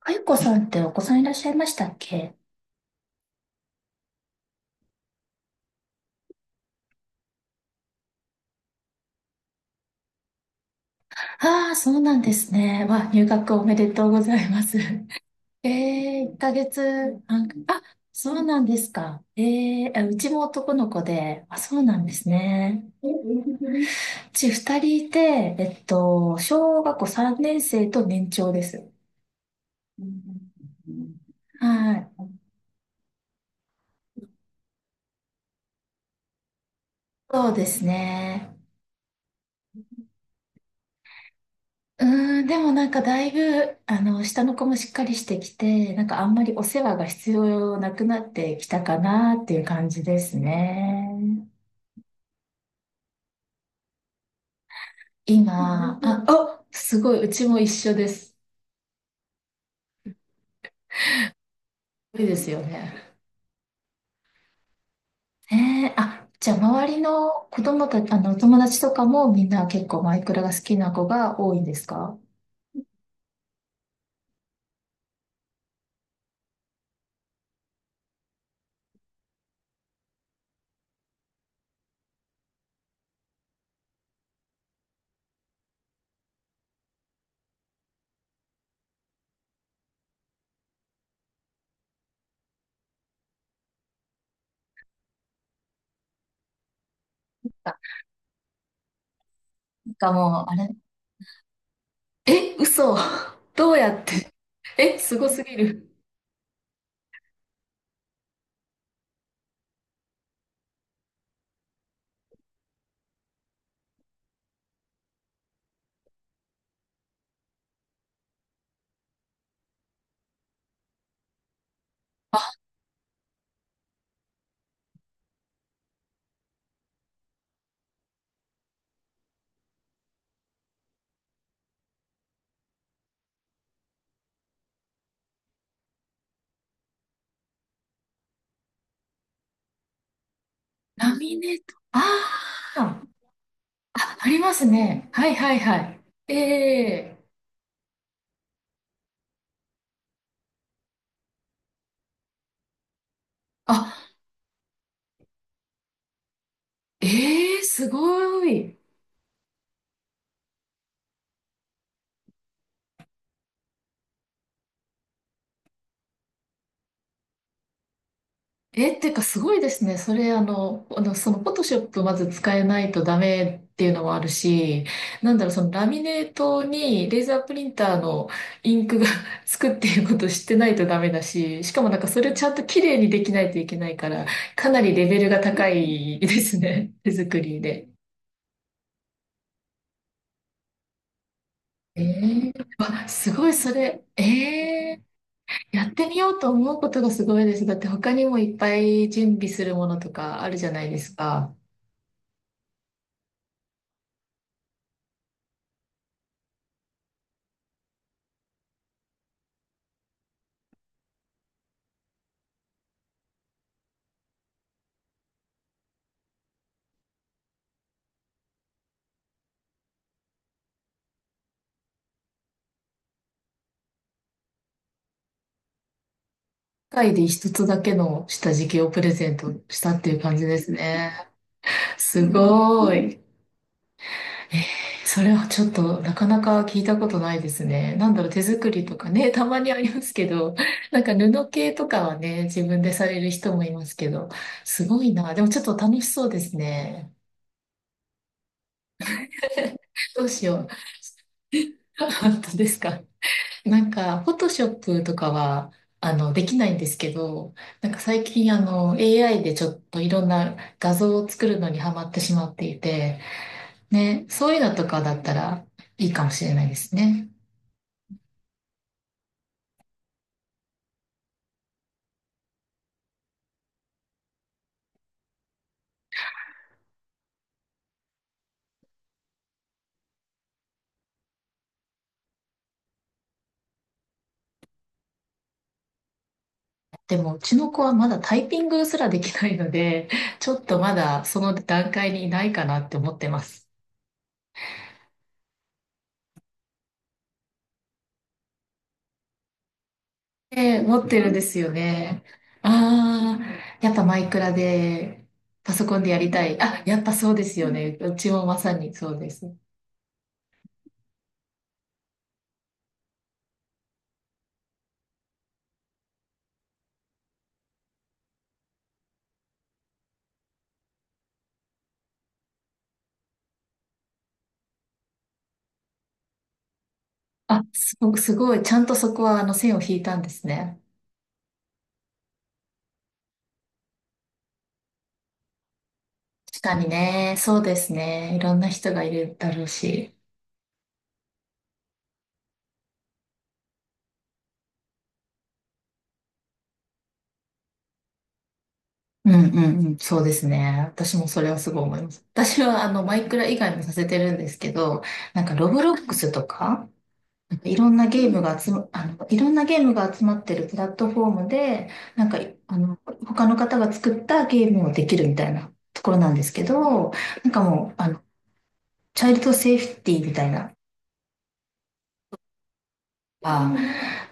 あゆこさんってお子さんいらっしゃいましたっけ？ああー、そうなんですね。わ、入学おめでとうございます。ええ、1ヶ月半、あ、そうなんですか。ええ、あ、うちも男の子で、あ、そうなんですね。うち2人いて、小学校3年生と年長です。はい。そうですね。でもなんかだいぶ、下の子もしっかりしてきて、なんかあんまりお世話が必要なくなってきたかなっていう感じですね。今、あ、おあ、すごい、うちも一緒です。ごいですよね。ねえ、あ、じゃあ周りの子供たち、友達とかもみんな結構マイクラが好きな子が多いんですか？あ、なんかもう、あれ、え、嘘。どうやって？え、すごすぎる。ラミネート。ああ。あ、ありますね。はいはいはい。ええ、あ、ええ、すごい。えーってかすごいですね。それ、フォトショップまず使えないとダメっていうのもあるし、なんだろう、そのラミネートにレーザープリンターのインクが つくっていうことを知ってないとダメだし、しかもなんかそれをちゃんと綺麗にできないといけないから、かなりレベルが高いですね。手作りで。ええ、あ、すごい、それ。ええ、やってみようと思うことがすごいです。だって他にもいっぱい準備するものとかあるじゃないですか。世界で一つだけの下敷きをプレゼントしたっていう感じですね。すごい。えー、それはちょっとなかなか聞いたことないですね。なんだろう、手作りとかね、たまにありますけど、なんか布系とかはね、自分でされる人もいますけど、すごいな。でもちょっと楽しそうですね。どうしよう。本当ですか。なんか、フォトショップとかは、できないんですけど、なんか最近、AI でちょっといろんな画像を作るのにハマってしまっていて、ね、そういうのとかだったらいいかもしれないですね。でも、うちの子はまだタイピングすらできないので、ちょっとまだその段階にいないかなって思ってます。ええ、持ってるんですよね。ああ、やっぱマイクラで、パソコンでやりたい。あ、やっぱそうですよね。うちもまさにそうです。あ、すごく、すごい。ちゃんとそこは、線を引いたんですね。確かにね。そうですね。いろんな人がいるだろうし。うんうんうん。そうですね。私もそれはすごい思います。私は、マイクラ以外もさせてるんですけど、なんか、ロブロックスとか、いろんなゲームが集まってるプラットフォームで、なんか、あの、他の方が作ったゲームをできるみたいなところなんですけど、なんかもう、チャイルドセーフティーみたいな、あ、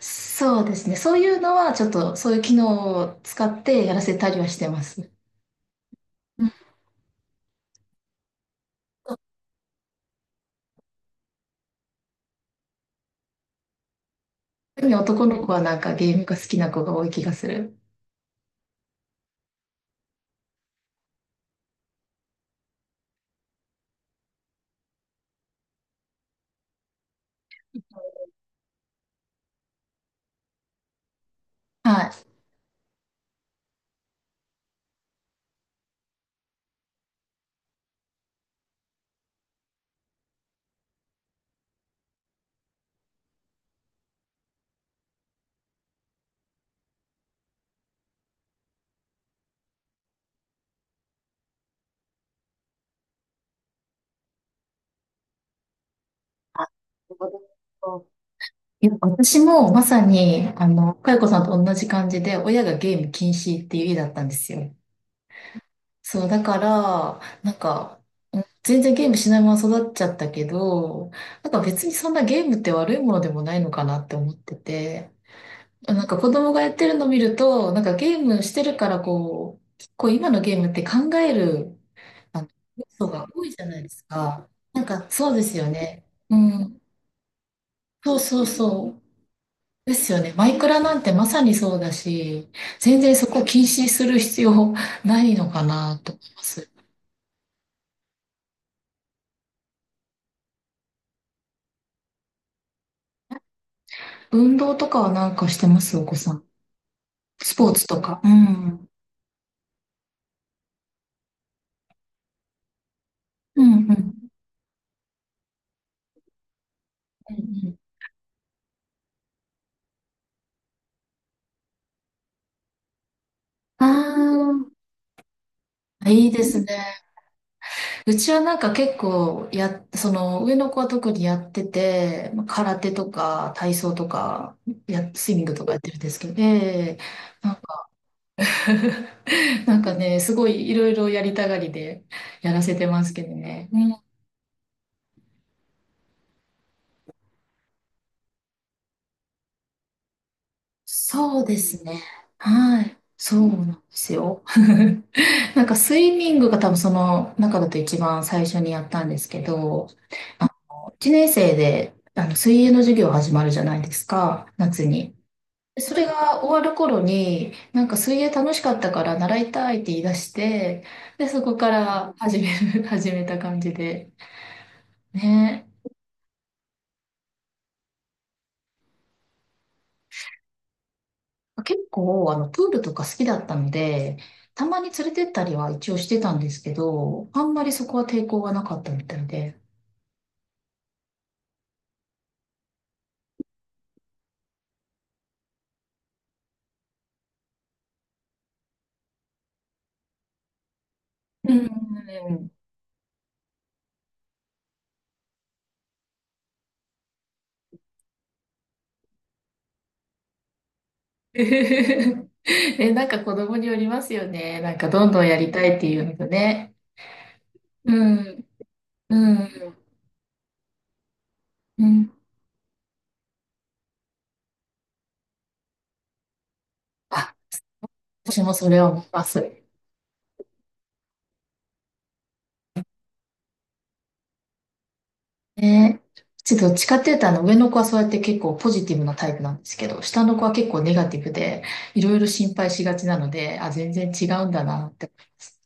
そうですね。そういうのは、ちょっと、そういう機能を使ってやらせたりはしてます。うん、特に男の子はなんかゲームが好きな子が多い気がする。はい。いや、私もまさに、かよこさんと同じ感じで、親がゲーム禁止っていう家だったんですよ。そう、だから、なんか、うん、全然ゲームしないまま育っちゃったけど、なんか別にそんなゲームって悪いものでもないのかなって思ってて、なんか子供がやってるの見ると、なんかゲームしてるからこう、結構今のゲームって考える、あの、要素が多いじゃないですか。なんかそうですよね。うん。そうそうそう。ですよね。マイクラなんてまさにそうだし、全然そこ禁止する必要ないのかなと思います。運動とかはなんかしてますお子さん。スポーツとか。うん。うんうん。うんうん。ああ、いいですね。うちはなんか結構や、その上の子は特にやってて、まあ空手とか体操とか、や、スイミングとかやってるんですけど、ええ、なんか、なんかね、すごいいろいろやりたがりでやらせてますけどね。うん、そうですね。はい。そうなんですよ。なんかスイミングが多分その中だと一番最初にやったんですけど、あ1年生であの水泳の授業始まるじゃないですか、夏に。それが終わる頃に、なんか水泳楽しかったから習いたいって言い出して、で、そこから始める、始めた感じで。ね。結構、プールとか好きだったので、たまに連れてったりは一応してたんですけど、あんまりそこは抵抗がなかったみたいで。うん。え、なんか子供によりますよね。なんかどんどんやりたいっていうのとね。うん。うん。うん。あ、私もそれを思います。ねえ、ちょっとどっちかっていうと、上の子はそうやって結構ポジティブなタイプなんですけど、下の子は結構ネガティブで、いろいろ心配しがちなので、あ、全然違うんだなって思います。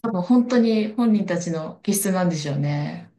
多分本当に本人たちの気質なんでしょうね。